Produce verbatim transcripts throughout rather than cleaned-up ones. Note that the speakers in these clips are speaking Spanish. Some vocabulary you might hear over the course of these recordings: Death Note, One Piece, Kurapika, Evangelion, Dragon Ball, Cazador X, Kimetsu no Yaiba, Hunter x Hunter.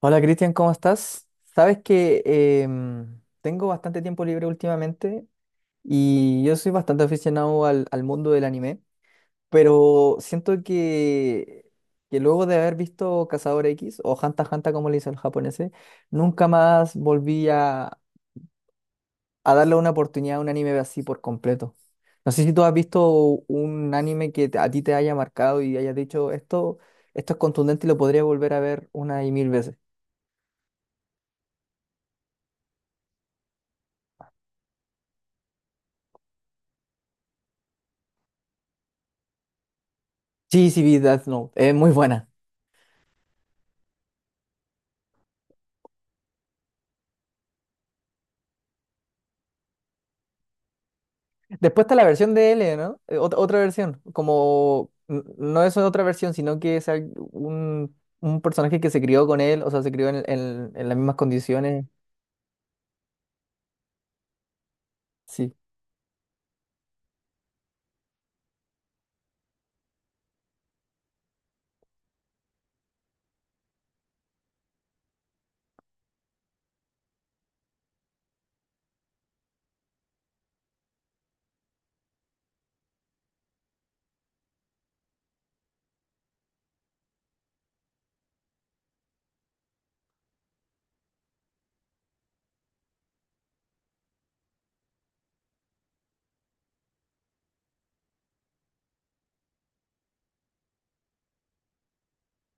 Hola Cristian, ¿cómo estás? Sabes que em, tengo bastante tiempo libre últimamente y yo soy bastante aficionado al, al mundo del anime, pero siento que, que luego de haber visto Cazador X o Hunter x Hunter como le dice el japonés, nunca más volví a, a darle una oportunidad a un anime así por completo. No sé si tú has visto un anime que te- a ti te haya marcado y hayas dicho esto, esto es contundente y lo podría volver a ver una y mil veces. Sí, sí, vi Death Note. Es muy buena. Después está la versión de L, ¿no? Eh, ot- otra versión. Como. n- No es otra versión, sino que es al- un, un personaje que se crió con él, o sea, se crió en, en- en las mismas condiciones. Sí.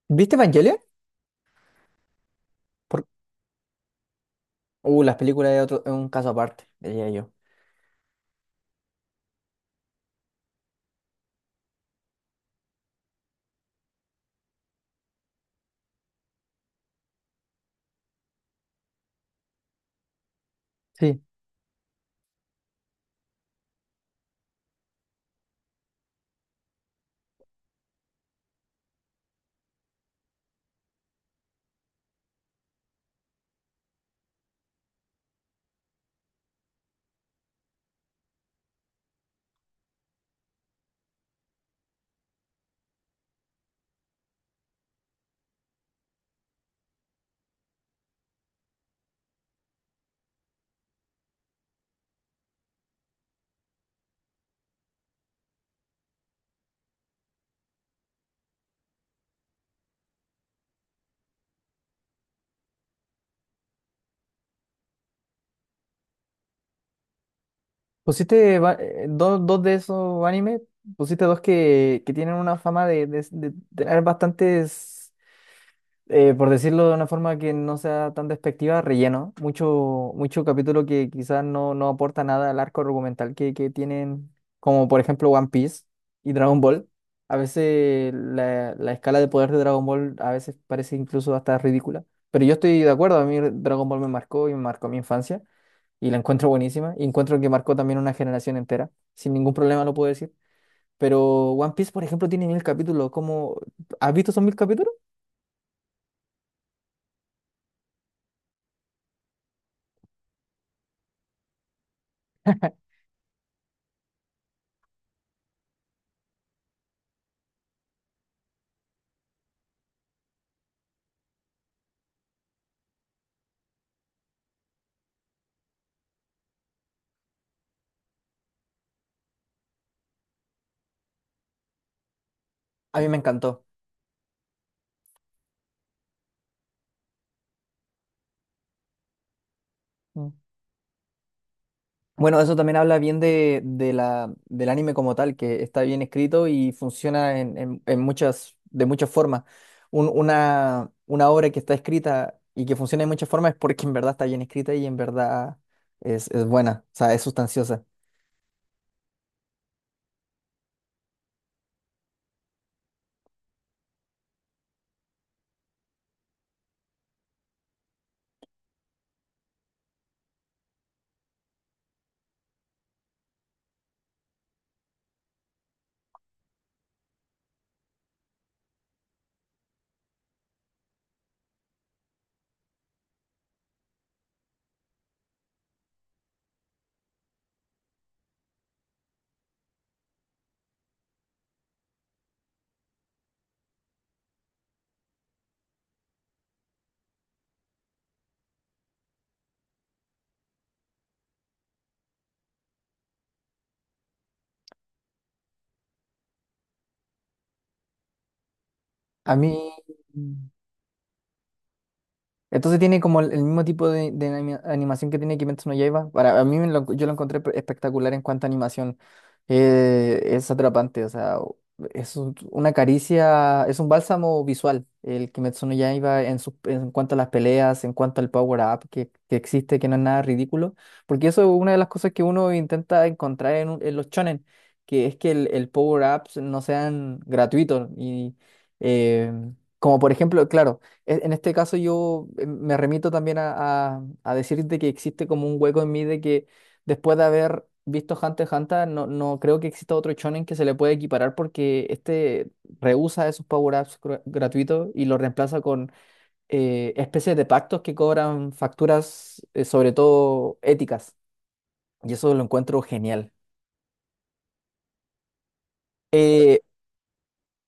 ¿Viste Evangelion? Por... Uh, las películas de otro, es un caso aparte, diría yo. Sí. ¿Pusiste va- eh, dos, dos de esos animes? ¿Pusiste dos que, que tienen una fama de, de- de tener bastantes. Eh, por decirlo de una forma que no sea tan despectiva, relleno. Mucho, mucho capítulo que quizás no, no aporta nada al arco argumental que, que tienen, como por ejemplo One Piece y Dragon Ball. A veces la, la escala de poder de Dragon Ball a veces parece incluso hasta ridícula. Pero yo estoy de acuerdo, a mí Dragon Ball me marcó y me marcó mi infancia y la encuentro buenísima y encuentro que marcó también una generación entera. Sin ningún problema lo puedo decir. Pero One Piece, por ejemplo, tiene mil capítulos. ¿Cómo? ¿Has visto esos mil capítulos? A mí me encantó. Bueno, eso también habla bien de, de la, del anime como tal, que está bien escrito y funciona en, en- en muchas, de muchas formas. Un- una, una obra que está escrita y que funciona de muchas formas es porque en verdad está bien escrita y en verdad es, es buena, o sea, es sustanciosa. A mí, entonces tiene como el, el mismo tipo de, de anima- animación que tiene Kimetsu no Yaiba. Para a mí me lo- yo lo encontré pe- espectacular en cuanto a animación. Eh, es atrapante, o sea, o- es un- una caricia, es un bálsamo visual. El Kimetsu no Yaiba en, sus- en cuanto a las peleas, en cuanto al power up que, que existe, que no es nada ridículo. Porque eso es una de las cosas que uno intenta encontrar en, un- en los shonen, que es que el, el power ups no sean gratuitos y eh, como por ejemplo, claro, e- en este caso yo eh, me remito también a, a, a decirte que existe como un hueco en mí de que después de haber visto Hunter x Hunter, no, no creo que exista otro shonen que se le pueda equiparar porque este rehúsa esos power-ups gr- gratuitos y lo reemplaza con eh, especies de pactos que cobran facturas, eh, sobre todo éticas. Y eso lo encuentro genial. Eh,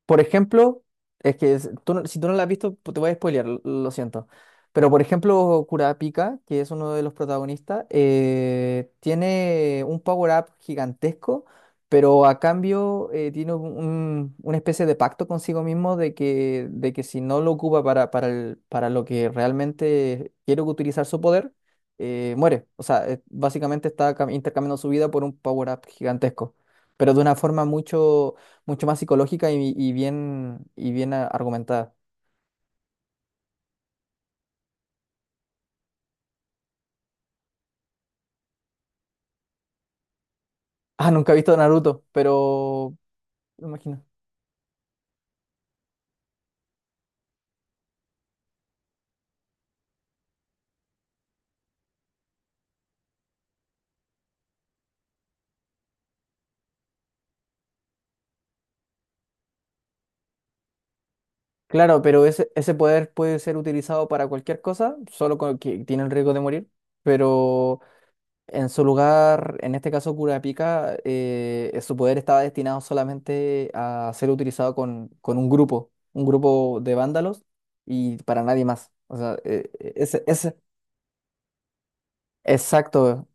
Por ejemplo, es que es- tú no- si tú no la has visto, pu- te voy a spoilear, lo, lo siento. Pero por ejemplo, Kurapika, que es uno de los protagonistas, eh, tiene un power-up gigantesco, pero a cambio eh, tiene un- un- una especie de pacto consigo mismo de que, de que si no lo ocupa para, para, el- para lo que realmente quiere utilizar su poder, eh, muere. O sea, eh, básicamente está cam- intercambiando su vida por un power-up gigantesco, pero de una forma mucho mucho más psicológica y, y bien, y bien a- argumentada. Ah, nunca he visto Naruto, pero me imagino. Claro, pero ese, ese poder puede ser utilizado para cualquier cosa, solo con que tiene el riesgo de morir. Pero en su lugar, en este caso Kurapika, eh, su poder estaba destinado solamente a ser utilizado con, con un grupo, un grupo de vándalos y para nadie más. O sea, eh, eh, ese, ese, exacto,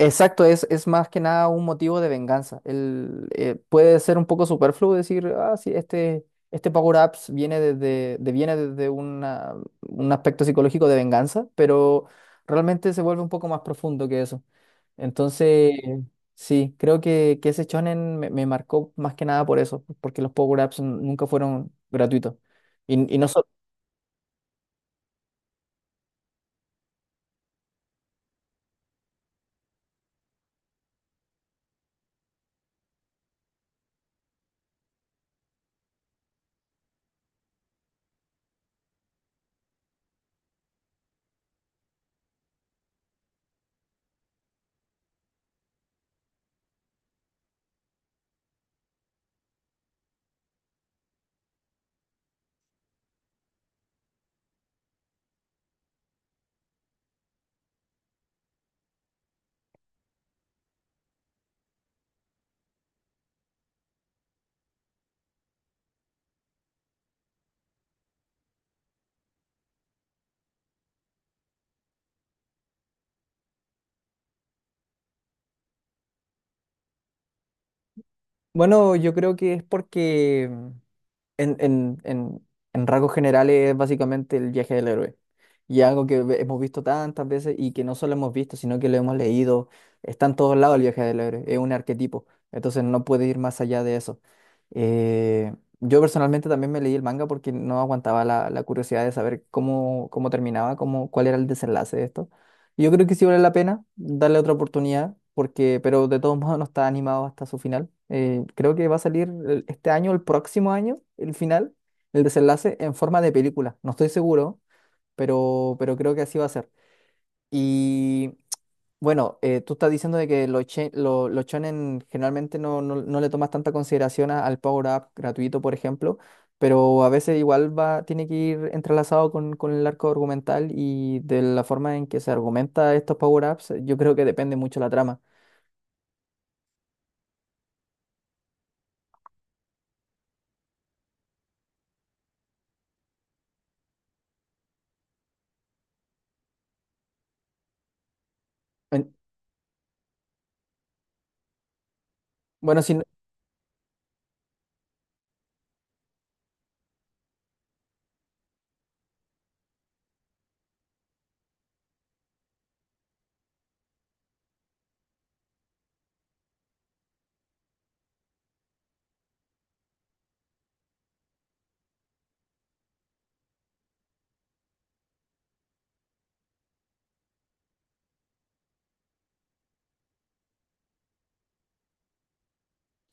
exacto, es, es más que nada un motivo de venganza. El, eh, puede ser un poco superfluo decir, ah, sí, este, este Power Ups viene desde, de- viene desde una- un aspecto psicológico de venganza, pero realmente se vuelve un poco más profundo que eso. Entonces, sí, creo que, que ese shonen me, me marcó más que nada por eso, porque los Power Ups nunca fueron gratuitos. Y, y no so- bueno, yo creo que es porque En, en, en, en rasgos generales es básicamente el viaje del héroe. Y algo que ve- hemos visto tantas veces y que no solo hemos visto, sino que lo hemos leído. Está en todos lados el viaje del héroe. Es un arquetipo. Entonces no puede ir más allá de eso. Eh, yo personalmente también me leí el manga porque no aguantaba la, la curiosidad de saber cómo, cómo terminaba, cómo, cuál era el desenlace de esto. Yo creo que sí vale la pena darle otra oportunidad, porque, pero de todos modos no está animado hasta su final. Eh, creo que va a salir el- este año, el próximo año, el final, el desenlace en forma de película. No estoy seguro, pero, pero creo que así va a ser. Y bueno, eh, tú estás diciendo de que los, che- lo- los shonen generalmente no, no, no le tomas tanta consideración a- al Power Up gratuito, por ejemplo, pero a veces igual va, tiene que ir entrelazado con, con el arco argumental y de la forma en que se argumenta estos Power Ups, eh, yo creo que depende mucho la trama. En- bueno, si, no-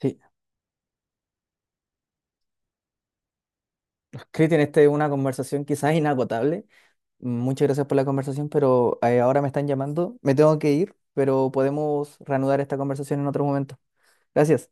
sí, Cristian, esta es una conversación quizás inagotable. Muchas gracias por la conversación, pero eh, ahora me están llamando, me tengo que ir, pero podemos reanudar esta conversación en otro momento. Gracias.